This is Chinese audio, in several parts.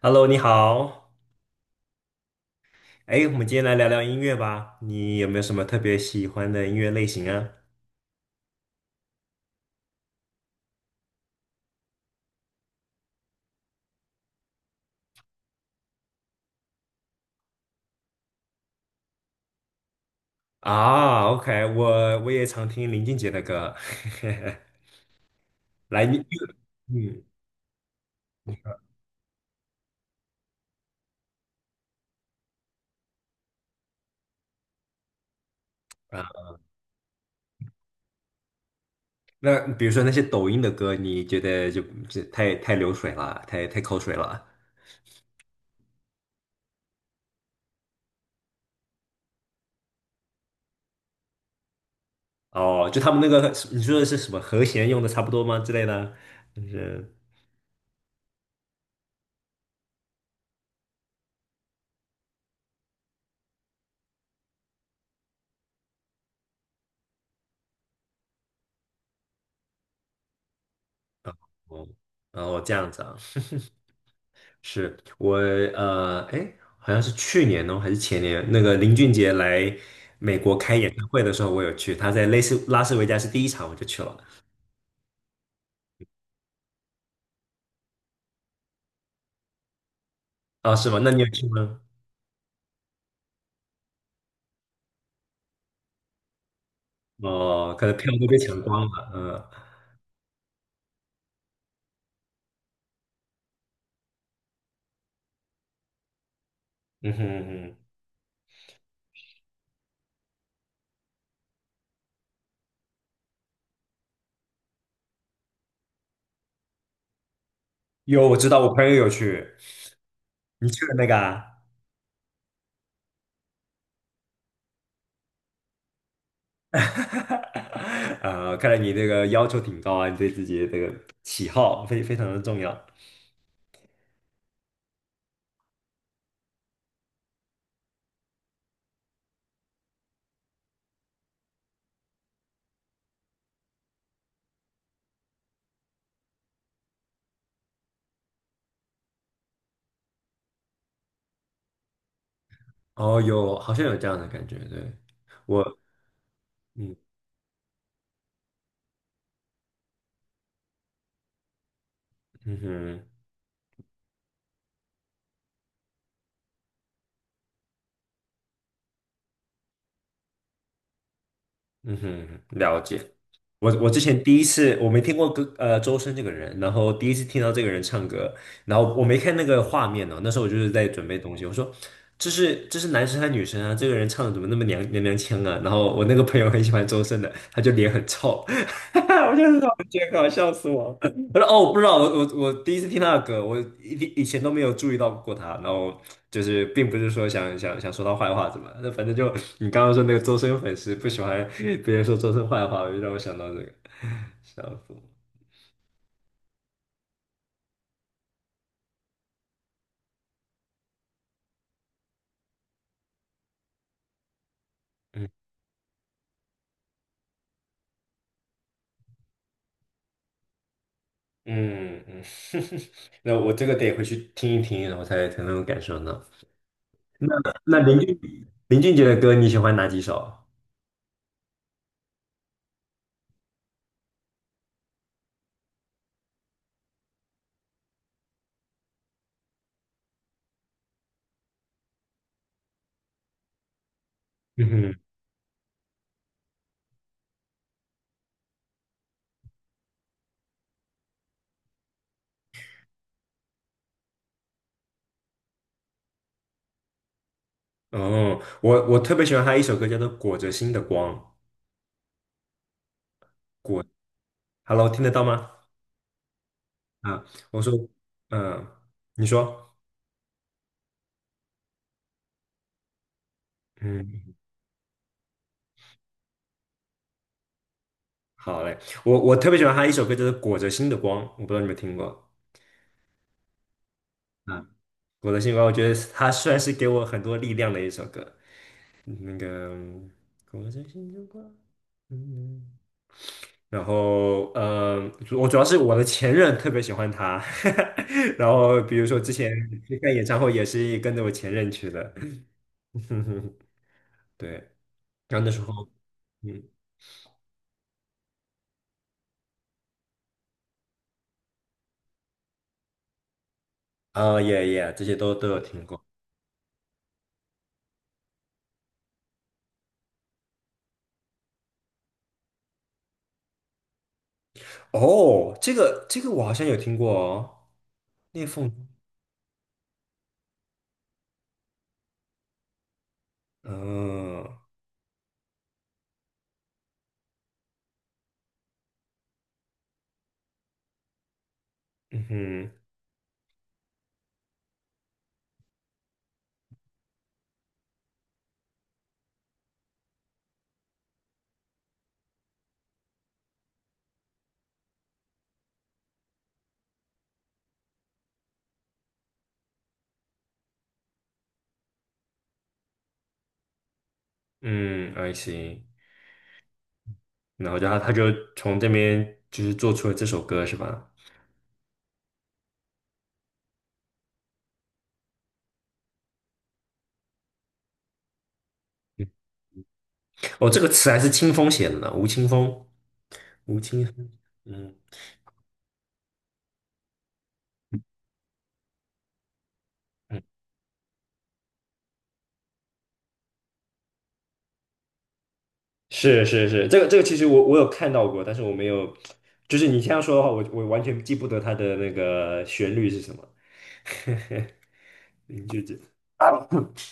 Hello，你好。哎，我们今天来聊聊音乐吧。你有没有什么特别喜欢的音乐类型啊？啊，OK，我也常听林俊杰的歌。来，你。嗯。啊，那比如说那些抖音的歌，你觉得就太流水了，太口水了？哦，就他们那个，你说的是什么和弦用的差不多吗之类的？就是。哦，然后这样子啊。是我哎，好像是去年哦，还是前年，那个林俊杰来美国开演唱会的时候，我有去，他在类似拉斯维加斯第一场我就去了。啊，是吗？那你有去吗？哦，可能票都被抢光了。嗯。嗯哼。嗯哼。有，我知道，我朋友有去，你去了那个啊？啊，看来你这个要求挺高啊，你对自己的这个喜好非常的重要。哦，有，好像有这样的感觉，对。我，嗯。嗯哼。嗯哼，了解。我之前第一次我没听过歌周深这个人，然后第一次听到这个人唱歌，然后我没看那个画面呢，那时候我就是在准备东西，我说这是男生还是女生啊？这个人唱的怎么那么娘娘腔啊？然后我那个朋友很喜欢周深的，他就脸很臭。我就很我觉得搞笑死我了。我说哦，我不知道，我第一次听他的歌，我以前都没有注意到过他，然后就是并不是说想说他坏话怎么，那反正就你刚刚说那个周深粉丝不喜欢别人说周深坏话，我就让我想到这个笑死。嗯。嗯。嗯。那我这个得回去听一听，然后才能感受到。那那林俊杰的歌你喜欢哪几首？嗯哼。哦，我特别喜欢他一首歌叫做《裹着心的光》，裹，Hello，听得到吗？啊，我说，嗯，你说。嗯。好嘞，我特别喜欢他一首歌，就是《裹着心的光》，我不知道你们听过。啊，《裹着心的光》，我觉得他算是给我很多力量的一首歌。那个嗯裹着心的光。嗯。然后，我主要是我的前任特别喜欢他，然后比如说之前去看演唱会也是跟着我前任去的。对，然后那时候，嗯，啊，也，这些都有听过。哦，这个我好像有听过哦，裂缝。哦。嗯哼。嗯，I see。然后就他就从这边就是做出了这首歌是吧？哦，这个词还是清风写的呢，吴青峰，吴青峰。嗯嗯。是是是，这个其实我有看到过，但是我没有，就是你这样说的话，我完全记不得它的那个旋律是什么。林俊杰。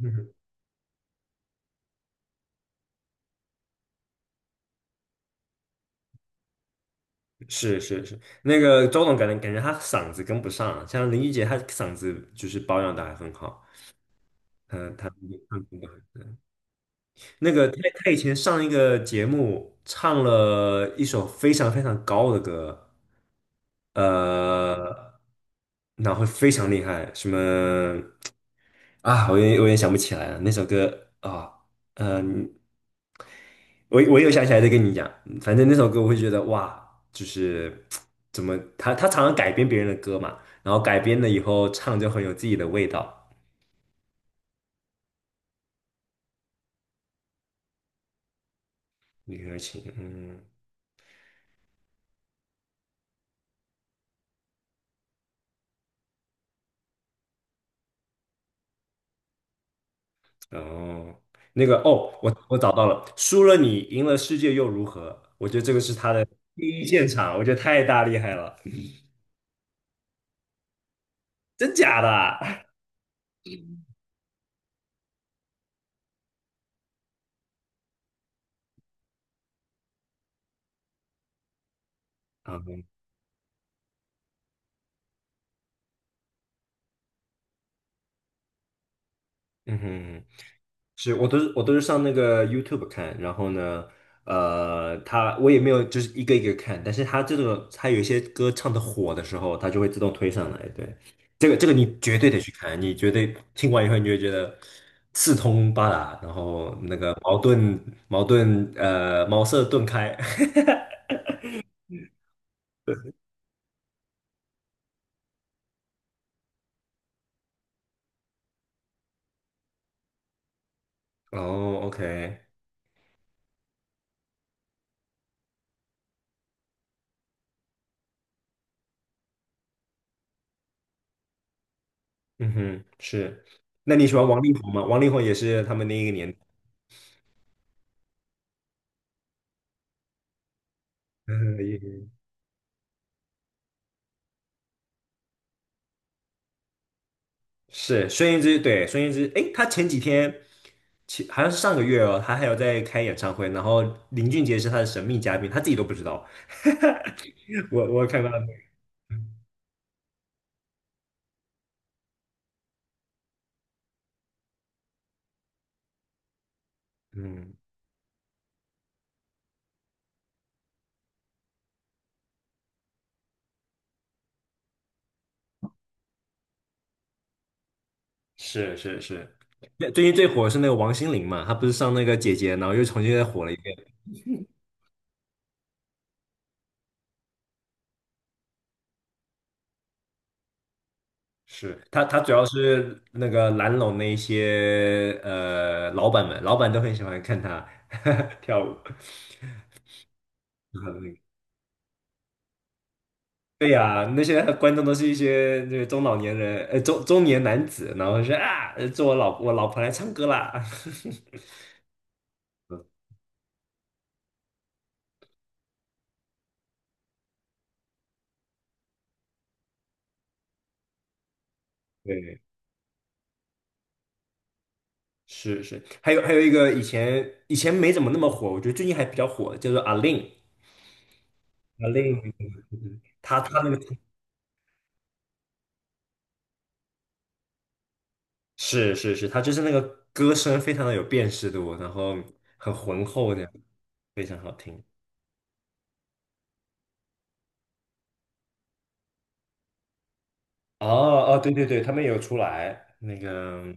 嗯。是是是，那个周董感觉他嗓子跟不上啊，像林俊杰他嗓子就是保养的还很好。嗯，他唱歌那个他以前上一个节目唱了一首非常非常高的歌，呃，然后非常厉害，什么啊，我有点想不起来了，那首歌啊，嗯，我有想起来再跟你讲，反正那首歌我会觉得哇，就是怎么他常常改编别人的歌嘛，然后改编了以后唱就很有自己的味道，李克勤。嗯。哦，那个哦，我找到了，输了你，赢了世界又如何？我觉得这个是他的第一现场，我觉得太厉害了，真假的啊？啊。嗯哼。是我都是上那个 YouTube 看，然后呢，他我也没有就是一个一个看，但是他这种他有一些歌唱的火的时候，他就会自动推上来。对，这个你绝对得去看，你绝对听完以后你就会觉得四通八达，然后那个矛盾矛盾茅塞顿开。哦，OK。嗯哼，是。那你喜欢王力宏吗？王力宏也是他们那一个年代。是孙燕姿，对，孙燕姿，诶，她前几天，好像是上个月哦，她还有在开演唱会，然后林俊杰是她的神秘嘉宾，她自己都不知道。我看到那个，嗯，是是是，那最近最火的是那个王心凌嘛，她不是上那个姐姐，然后又重新再火了一遍。是她，她主要是那个蓝龙那一些老板们，老板都很喜欢看她 跳舞。对呀，那些观众都是一些这个中老年人，中年男子，然后说啊，做我老婆来唱歌啦。对。是是，还有一个以前没怎么那么火，我觉得最近还比较火，叫做阿令。阿令，他那个。是是是，他就是那个歌声非常的有辨识度，然后很浑厚那样，非常好听。哦，哦，对对对，他们也有出来那个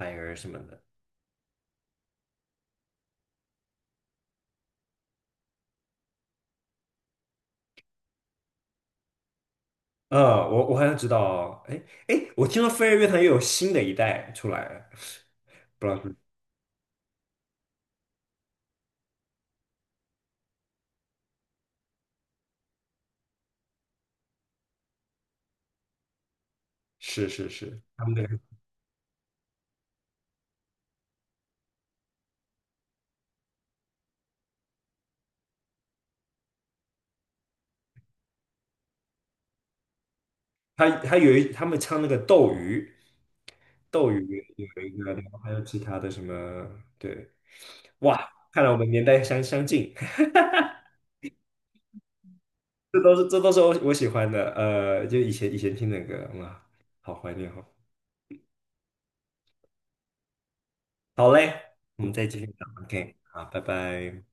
f i 什么的。我好像知道哦，哎哎，我听说飞儿乐团又有新的一代出来，不知道。是是是是，他们那个他他们唱那个斗鱼，斗鱼有一个，然后还有其他的什么，对。哇，看来我们年代相近，这都是我喜欢的，就以前听的歌，哇，好怀念哦。好嘞，我们再继续聊，OK，好，拜拜。